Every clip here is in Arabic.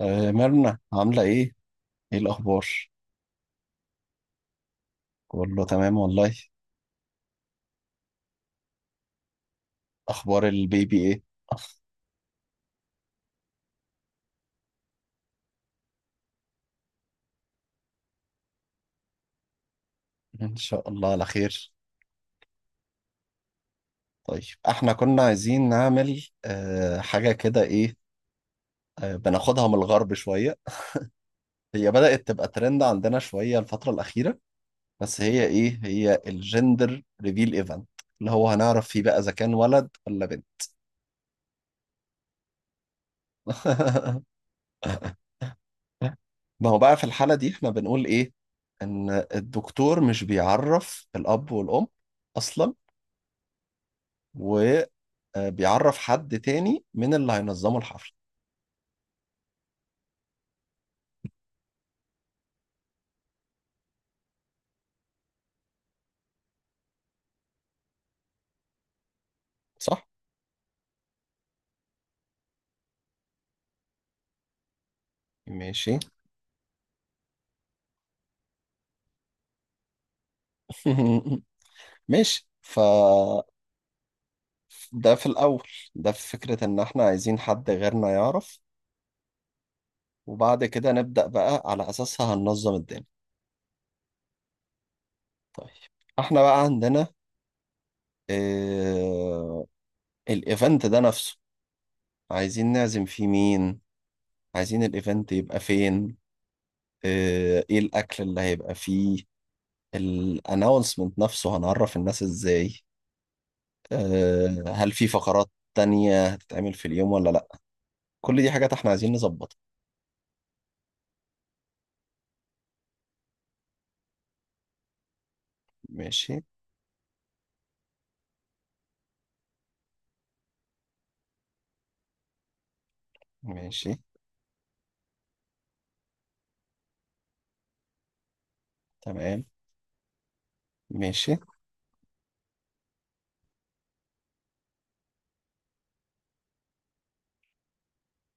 آه، مرنة عاملة ايه؟ ايه الأخبار؟ بقول له تمام والله. أخبار البيبي ايه؟ إن شاء الله على خير. طيب، احنا كنا عايزين نعمل حاجة كده، ايه، بناخدها من الغرب شوية. هي بدأت تبقى ترند عندنا شوية الفترة الأخيرة. بس هي ايه؟ هي الجندر ريفيل ايفنت، اللي هو هنعرف فيه بقى إذا كان ولد ولا بنت. ما هو بقى في الحالة دي احنا بنقول ايه؟ إن الدكتور مش بيعرف الأب والأم أصلا، وبيعرف حد تاني من اللي هينظموا الحفلة، صح؟ ماشي. ماشي، فده في الأول. ده في فكرة إن إحنا عايزين حد غيرنا يعرف، وبعد كده نبدأ بقى على أساسها هننظم الدنيا. طيب، إحنا بقى عندنا آه الإيفنت ده نفسه، عايزين نعزم فيه مين؟ عايزين الإيفنت يبقى فين؟ إيه الأكل اللي هيبقى فيه؟ الأناونسمنت نفسه هنعرف الناس إزاي؟ هل في فقرات تانية هتتعمل في اليوم ولا لأ. كل دي حاجات احنا عايزين نظبطها. ماشي. ماشي. تمام. ماشي.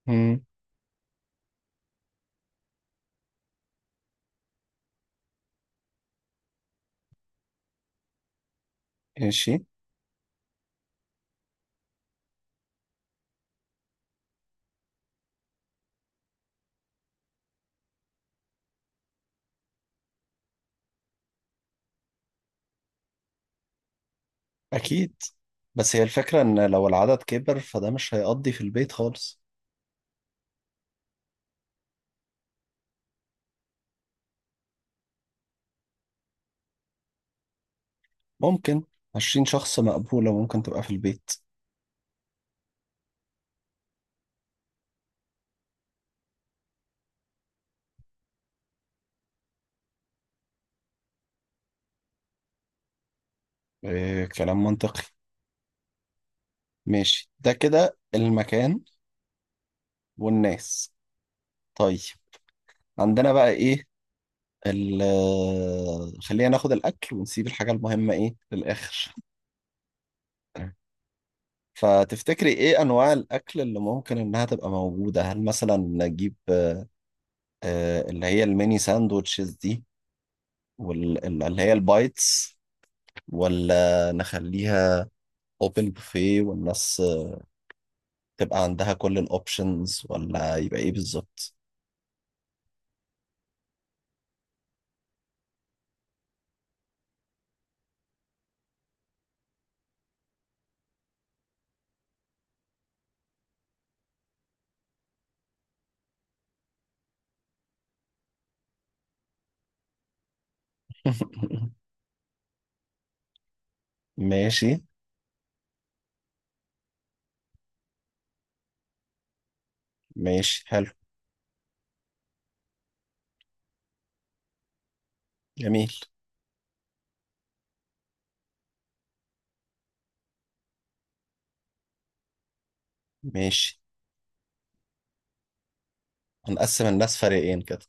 مم. ماشي. أكيد، بس هي الفكرة إن لو العدد كبر فده مش هيقضي في البيت خالص. ممكن. 20 شخص مقبولة، ممكن تبقى في البيت. كلام منطقي. ماشي، ده كده المكان والناس. طيب، عندنا بقى إيه، خلينا ناخد الأكل ونسيب الحاجة المهمة إيه للآخر. فتفتكري ايه انواع الاكل اللي ممكن انها تبقى موجودة؟ هل مثلا نجيب اللي هي الميني ساندوتشز دي واللي هي البايتس، ولا نخليها اوبن بوفيه والناس تبقى عندها كل الاوبشنز، ولا يبقى ايه بالظبط؟ ماشي. ماشي حلو. جميل. ماشي. هنقسم الناس فريقين كده.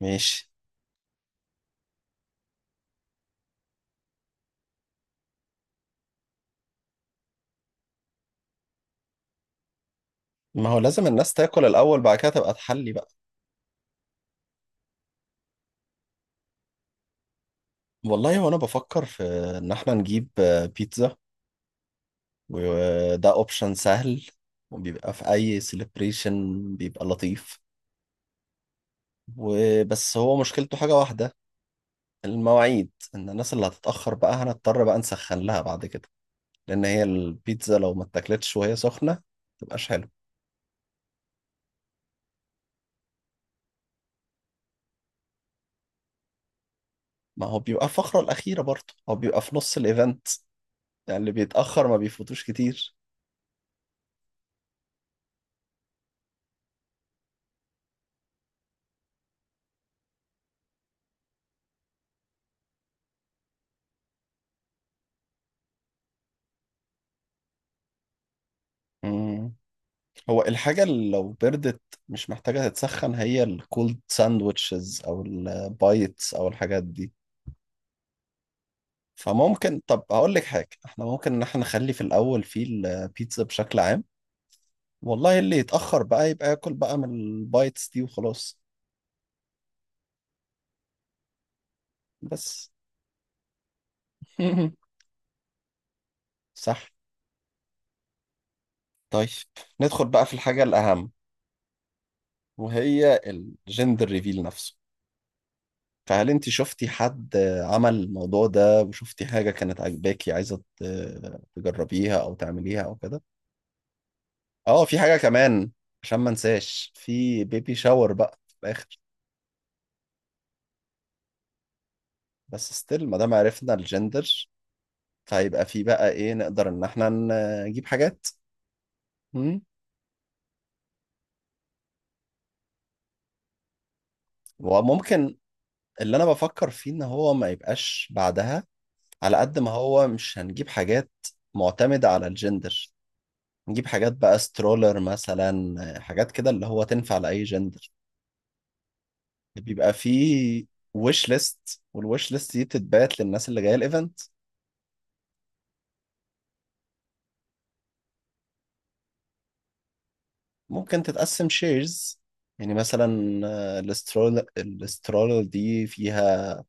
ماشي. ما هو لازم الناس تاكل الاول، بعد كده تبقى تحلي بقى. والله وانا بفكر في ان احنا نجيب بيتزا، وده اوبشن سهل، وبيبقى في اي سيلبريشن بيبقى لطيف. وبس هو مشكلته حاجة واحدة: المواعيد، ان الناس اللي هتتأخر بقى هنضطر بقى نسخن لها بعد كده، لان هي البيتزا لو ما اتاكلتش وهي سخنة متبقاش حلو. ما هو بيبقى الفقرة الأخيرة برضه، هو بيبقى في نص الإيفنت، يعني اللي بيتأخر ما بيفوتوش كتير. مم. هو الحاجة اللي لو بردت مش محتاجة تتسخن هي الكولد ساندويتشز أو البايتس أو الحاجات دي. فممكن، طب هقول لك حاجة، احنا ممكن ان احنا نخلي في الاول في البيتزا بشكل عام، والله اللي يتأخر بقى يبقى ياكل بقى من البايتس دي وخلاص. بس. صح. طيب، ندخل بقى في الحاجة الأهم، وهي الجندر ريفيل نفسه. فهل انت شفتي حد عمل الموضوع ده وشفتي حاجة كانت عاجباكي، عايزة تجربيها أو تعمليها أو كده؟ اه في حاجة كمان، عشان ما انساش، في بيبي شاور بقى في الآخر. بس ستيل ما دام عرفنا الجندر، فيبقى في بقى ايه نقدر ان احنا نجيب حاجات. مم. وممكن، اللي انا بفكر فيه ان هو ما يبقاش بعدها، على قد ما هو مش هنجيب حاجات معتمدة على الجندر، نجيب حاجات بقى سترولر مثلا، حاجات كده اللي هو تنفع لأي جندر. بيبقى فيه ويش ليست، والويش ليست دي بتتبعت للناس اللي جاية الايفنت. ممكن تتقسم شيرز، يعني مثلا الاسترولر دي فيها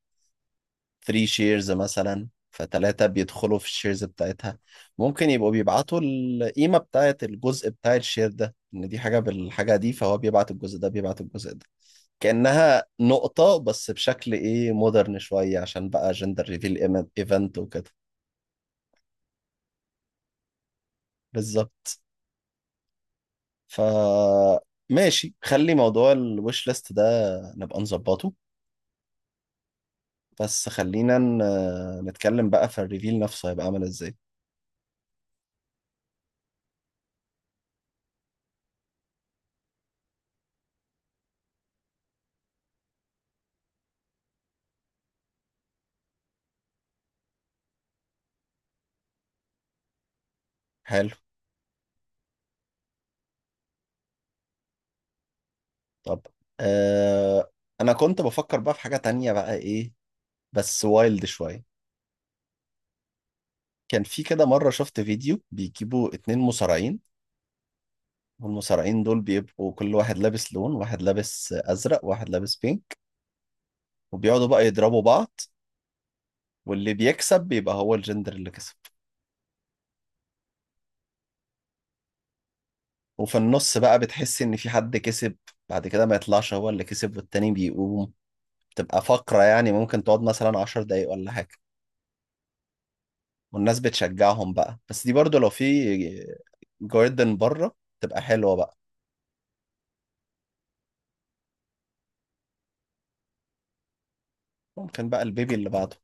3 شيرز مثلا، فتلاتة بيدخلوا في الشيرز بتاعتها. ممكن يبقوا بيبعتوا القيمة بتاعت الجزء بتاع الشير ده، إن دي حاجة بالحاجة دي، فهو بيبعت الجزء ده، بيبعت الجزء ده. كأنها نقطة، بس بشكل إيه، مودرن شوية، عشان بقى جندر ريفيل إيفنت وكده. بالظبط. ف ماشي، خلي موضوع الوش ليست ده نبقى نظبطه. بس خلينا نتكلم بقى في الريفيل نفسه، هيبقى عامل ازاي. حلو. طب، آه انا كنت بفكر بقى في حاجة تانية بقى، ايه، بس وايلد شوية. كان في كده مرة شفت فيديو بيجيبوا اتنين مصارعين، والمصارعين دول بيبقوا كل واحد لابس لون، واحد لابس ازرق واحد لابس بينك، وبيقعدوا بقى يضربوا بعض، واللي بيكسب بيبقى هو الجندر اللي كسب. وفي النص بقى بتحس ان في حد كسب، بعد كده ما يطلعش هو اللي كسب والتاني بيقوم. بتبقى فقرة يعني ممكن تقعد مثلا 10 دقايق ولا حاجة، والناس بتشجعهم بقى. بس دي برضو لو في جاردن بره تبقى حلوة بقى. ممكن بقى البيبي اللي بعده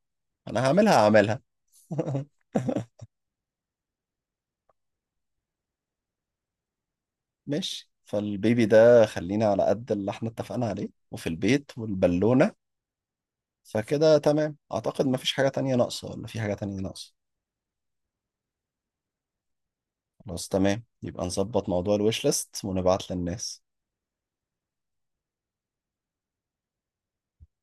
انا هعملها هعملها. ماشي، فالبيبي ده خلينا على قد اللي احنا اتفقنا عليه، وفي البيت والبالونة. فكده تمام اعتقد، مفيش حاجة تانية ناقصة، ولا في حاجة تانية ناقصة. خلاص تمام، يبقى نظبط موضوع الويش ليست ونبعت للناس.